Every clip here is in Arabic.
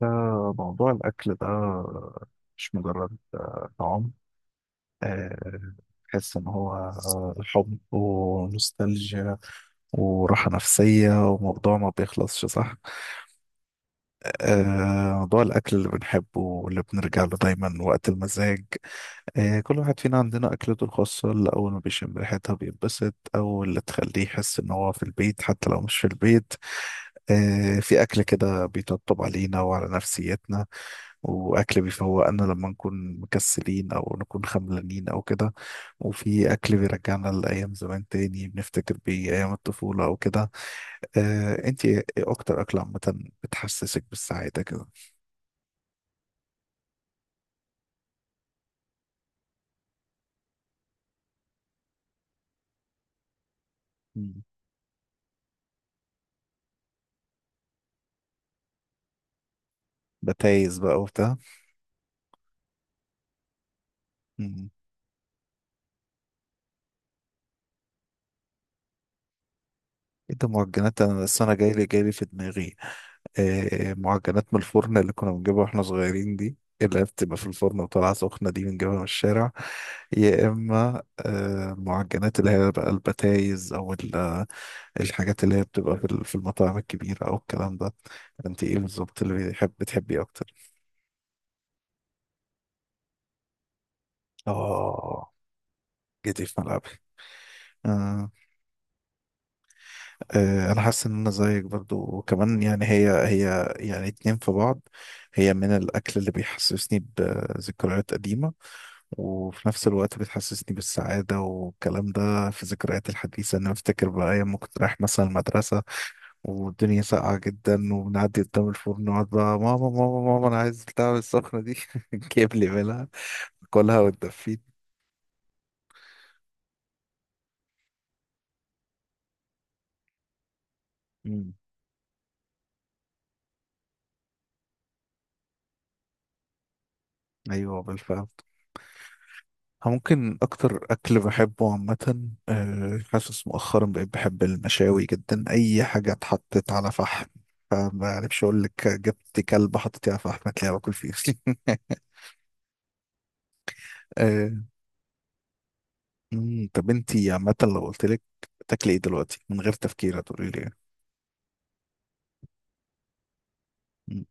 فموضوع الأكل ده مش مجرد طعام. آه، تحس إن هو حب ونوستالجيا وراحة نفسية وموضوع ما بيخلصش، صح؟ موضوع الأكل اللي بنحبه واللي بنرجع له دايما وقت المزاج. كل واحد فينا عندنا أكلته الخاصة اللي أول ما بيشم ريحتها بينبسط، أو اللي تخليه يحس إن هو في البيت حتى لو مش في البيت. في أكل كده بيطبطب علينا وعلى نفسيتنا، وأكل بيفوقنا لما نكون مكسلين أو نكون خملانين أو كده، وفي أكل بيرجعنا لأيام زمان تاني بنفتكر بيه أيام الطفولة أو كده. أنت إيه أكتر أكل عامة بتحسسك بالسعادة كده؟ مم. بتايز بقى وبتاع. ايه ده معجنات، انا بس انا جاي لي في دماغي. آه، معجنات من الفرن اللي كنا بنجيبها واحنا صغيرين دي، اللي هي بتبقى في الفرن وطالعه سخنه دي، بنجيبها من الشارع. يا اما آه معجنات اللي هي بقى البتايز، او الحاجات اللي هي بتبقى في في المطاعم الكبيره او الكلام ده. انت ايه بالظبط اللي بتحبي اكتر؟ اه، جيتي في ملعبي. آه، انا حاسس ان انا زيك برضو، وكمان يعني هي يعني اتنين في بعض. هي من الاكل اللي بيحسسني بذكريات قديمة، وفي نفس الوقت بتحسسني بالسعادة والكلام ده في ذكريات الحديثة. انا افتكر بقى ايام ما كنت رايح مثلا المدرسة والدنيا ساقعة جدا، وبنعدي قدام الفرن ونقعد بقى ماما ماما ماما انا عايز بتاع السخنة دي جيب لي منها. كلها وتدفيت. مم. ايوه بالفعل. ممكن أكتر أكل بحبه عامة، آه، حاسس مؤخرا بقيت بحب المشاوي جدا، أي حاجة اتحطت على فحم. فما أعرفش أقول لك، جبت كلب حطيتيه على فحم هتلاقيه باكل فيه. آه، مم، طب أنتي عامة لو قلت لك تاكلي إيه دلوقتي من غير تفكير هتقولي لي إيه؟ مم.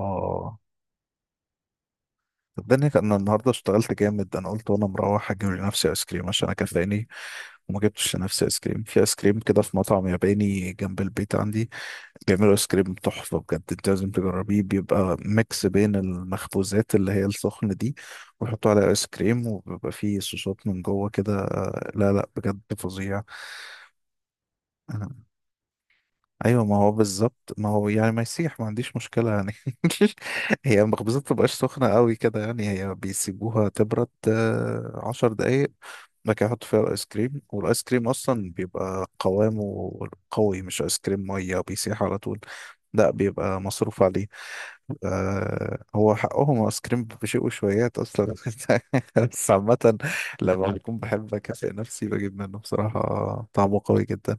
آه طب ده أنا النهاردة اشتغلت جامد، أنا قلت وأنا مروح أجيب لنفسي آيس كريم عشان أنا كفاياني، وما جبتش لنفسي آيس كريم. في آيس كريم كده في مطعم ياباني جنب البيت عندي، بيعملوا ايس كريم تحفة بجد، انت لازم تجربيه. بيبقى ميكس بين المخبوزات اللي هي السخنة دي، ويحطوا عليها ايس كريم، وبيبقى فيه صوصات من جوه كده. آه، لا بجد فظيع. آه، ايوه ما هو بالظبط، ما هو يعني ما يسيح، ما عنديش مشكله يعني. هي المخبوزات ما بتبقاش سخنه قوي كده يعني، هي بيسيبوها تبرد آه، 10 دقايق، بعد كده يحطوا فيها الايس كريم، والايس كريم اصلا بيبقى قوامه قوي، مش ايس كريم ميه بيسيح على طول، لا بيبقى مصروف عليه. آه هو حقهم ايس كريم بشيء وشويات اصلا. بس عامة لما بكون بحب اكافئ نفسي بجيب منه بصراحة، طعمه قوي جدا.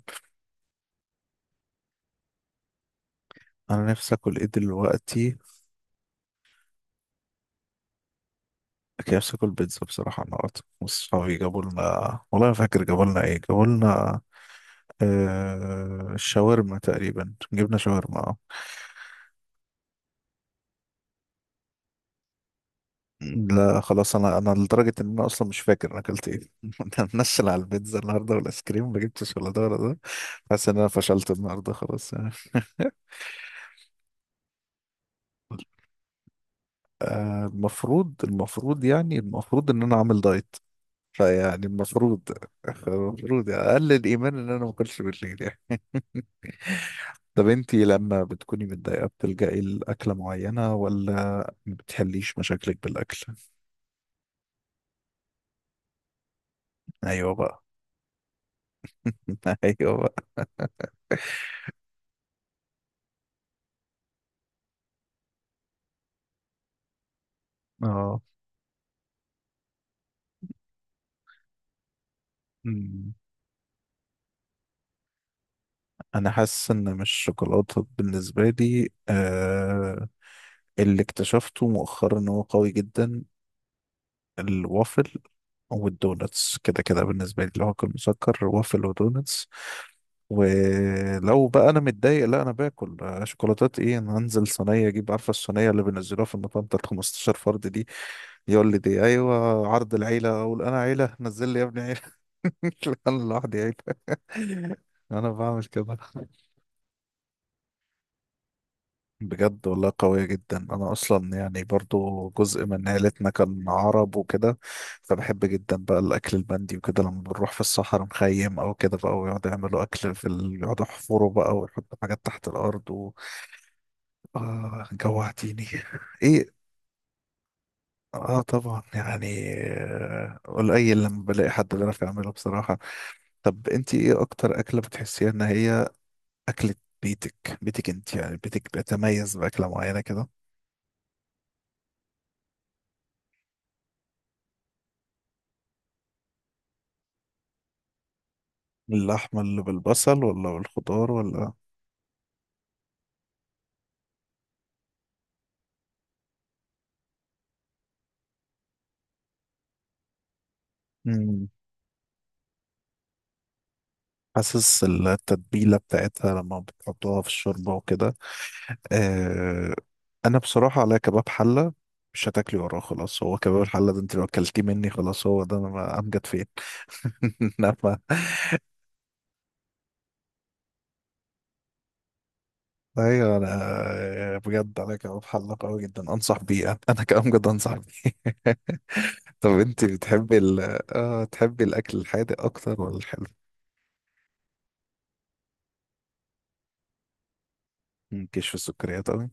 انا نفسي اكل ايه دلوقتي؟ كيف اكل بيتزا بصراحه. النهارده وصحابي جابوا لنا، والله ما فاكر جابوا لنا ايه، جابوا لنا شاورما تقريبا، جبنا شاورما آه. مم. لا خلاص انا، انا لدرجه ان انا اصلا مش فاكر انا اكلت ايه. انا منشل على البيتزا النهارده، والايس كريم ما جبتش، ولا ده ولا ده. حاسس ان انا فشلت النهارده خلاص يعني. آه، المفروض يعني، المفروض ان انا عامل دايت، فيعني المفروض، المفروض يعني اقل الايمان ان انا ما اكلش بالليل يعني. طب انتي لما بتكوني متضايقة بتلجأي لأكلة معينة، ولا ما بتحليش مشاكلك بالأكل؟ أيوه بقى. أيوه بقى. اه. مم. أنا حاسس إن مش الشوكولاتة بالنسبة لي، آه اللي اكتشفته مؤخرا إن هو قوي جدا الوافل والدونتس. كده كده بالنسبة لي لو هاكل مسكر، وافل ودونتس. ولو بقى أنا متضايق، لا أنا باكل شوكولاتات إيه، أنا هنزل صينية أجيب، عارفة الصينية اللي بينزلوها في المطعم بتاعت 15 فرد دي؟ يقول لي دي ايوه عرض العيله، اقول انا عيله، نزل لي يا ابني عيله. انا لوحدي عيله. انا بعمل كده. بجد والله قويه جدا. انا اصلا يعني برضو جزء من عيلتنا كان عرب وكده، فبحب جدا بقى الاكل البندي وكده. لما بنروح في الصحراء نخيم او كده بقى، ويقعدوا يعملوا اكل في يقعدوا يحفروا بقى ويحطوا حاجات تحت الارض و... آه جوعتيني. ايه. اه طبعا يعني، آه، قليل لما بلاقي حد بيعرف يعمله بصراحه. طب انت ايه اكتر اكله بتحسيها ان هي اكله بيتك؟ بيتك انت يعني، بيتك بيتميز باكله معينه كده؟ اللحمه اللي بالبصل ولا بالخضار ولا؟ مم. حاسس التتبيله بتاعتها لما بتحطوها في الشوربه وكده. آه. انا بصراحه على كباب حله، مش هتاكلي وراه خلاص. هو كباب الحله ده انت لو اكلتيه مني خلاص، هو ده انا، امجد فين. انما ايوه انا آه، بجد على كباب حله قوي جدا، انصح بيه، انا كامجد انصح بيه. طب انت بتحبي اه، تحبي الاكل الحادق اكتر ولا الحلو؟ مالكيش في السكريات قوي.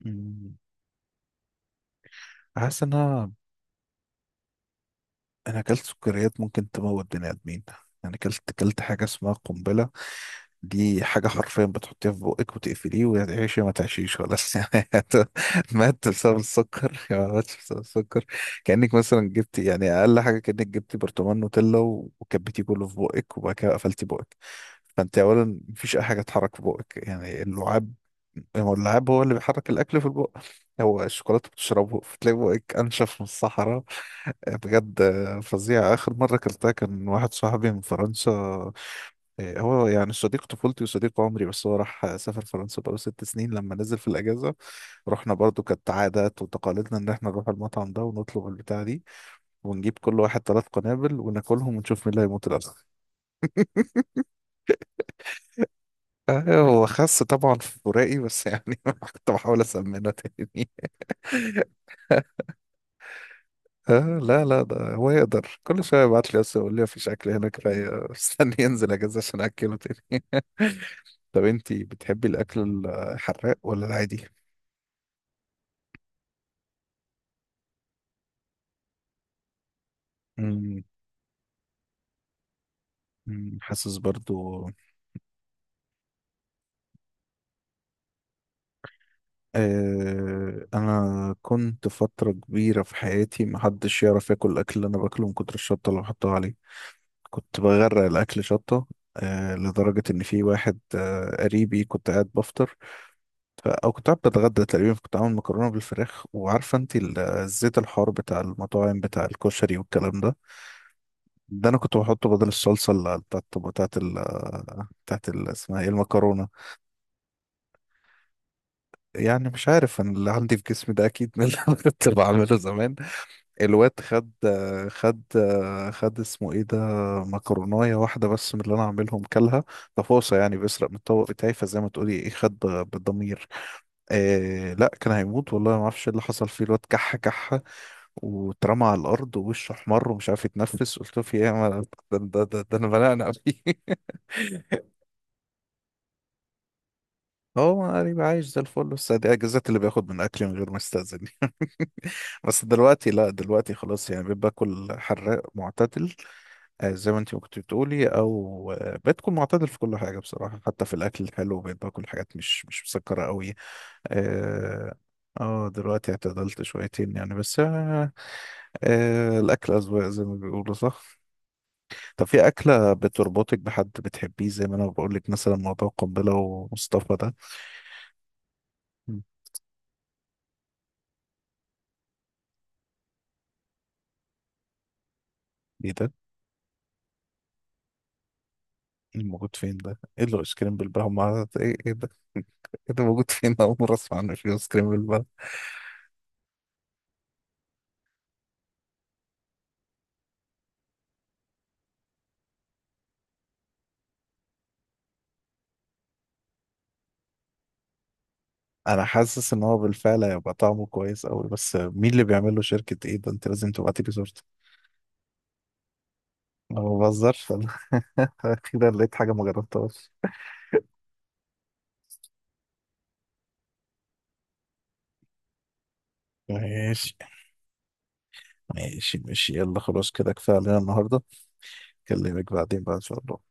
مم. حاسس ان انا اكلت سكريات ممكن تموت بني ادمين، يعني اكلت حاجه اسمها قنبله. دي حاجة حرفيا بتحطيها في بقك وتقفليه، وتعيشي ما تعيشيش خلاص. يعني مات بسبب السكر يا ما ماتش بسبب السكر. كأنك مثلا جبتي يعني أقل حاجة كأنك جبتي برطمان نوتيلا وكبتيه كله في بقك، وبعد كده قفلتي بقك. فأنت أولا مفيش أي حاجة تتحرك في بقك، يعني اللعاب، هو اللعاب هو اللي بيحرك الأكل في البق. هو الشوكولاتة بتشربه، فتلاقي بقك أنشف من الصحراء. بجد فظيع. آخر مرة أكلتها كان واحد صاحبي من فرنسا، إيه، هو يعني صديق طفولتي وصديق عمري، بس هو راح سافر فرنسا بقاله 6 سنين. لما نزل في الأجازة رحنا، برضو كانت عادات وتقاليدنا إن احنا نروح المطعم ده ونطلب البتاع دي، ونجيب كل واحد 3 قنابل وناكلهم ونشوف مين اللي هيموت الأول. آه، هو خس طبعا في فراقي بس يعني كنت بحاول أسمنه تاني. لا، ده هو يقدر كل شوية يبعت لي، بس يقول لي مفيش أكل هنا كفاية، استني ينزل أجازة عشان أكله تاني. طب أنتي بتحبي الأكل الحراق ولا العادي؟ مم، حاسس برضو. آه انا كنت فترة كبيرة في حياتي محدش يعرف ياكل الاكل اللي انا باكله من كتر الشطة اللي بحطها عليه، كنت بغرق الاكل شطة. آه لدرجة ان في واحد آه قريبي، كنت قاعد بفطر ف... او كنت قاعد بتغدى تقريبا، كنت عامل مكرونة بالفراخ، وعارفة انت الزيت الحار بتاع المطاعم بتاع الكشري والكلام ده، ده انا كنت بحطه بدل الصلصة اللي بتاعت بتاعت اسمها ايه المكرونة. يعني مش عارف، انا اللي عندي في جسمي ده اكيد من اللي انا كنت بعمله زمان. الواد خد خد خد اسمه ايه ده، مكرونايه واحده بس من اللي انا عاملهم، كلها تفاصيل يعني، بيسرق من الطبق بتاعي، فزي ما تقولي ايه، خد بالضمير. آه لا كان هيموت، والله ما اعرفش إيه اللي حصل فيه، الواد كح كح واترمى على الارض ووشه احمر ومش عارف يتنفس، قلت له في ايه يا ده انا بنقنق فيه. هو قريب عايش زي الفل، بس دي اجازات اللي بياخد من اكلي من غير ما يستأذن. بس دلوقتي لا، دلوقتي خلاص يعني، بيبقى باكل حراق معتدل. آه، زي ما انت كنت بتقولي، او آه، بتكون معتدل في كل حاجه بصراحه، حتى في الاكل الحلو بقيت باكل حاجات مش مسكره قوي. اه. آه، دلوقتي اعتدلت شويتين يعني بس آه. آه الاكل اذواق زي ما بيقولوا، صح؟ طب في اكله بتربطك بحد بتحبيه زي ما انا بقول لك مثلا موضوع القنبله ومصطفى ده؟ مم. ايه ده؟ موجود فين ده؟ ايه اللي ايس كريم بالبلبن؟ ايه ايه ده؟ ايه ده موجود فين؟ أول مرة أسمع عنه، في ايس كريم بالبلبن؟ أنا حاسس إن هو بالفعل هيبقى طعمه كويس أوي، بس مين اللي بيعمل له، شركة ايه ده؟ أنت لازم تبعتي لي صورته. أنا ما بهزرش أنا. أخيرا لقيت حاجة ما جربتهاش. ماشي ماشي، يلا خلاص كده كفاية علينا النهاردة. أكلمك بعدين بقى إن شاء الله.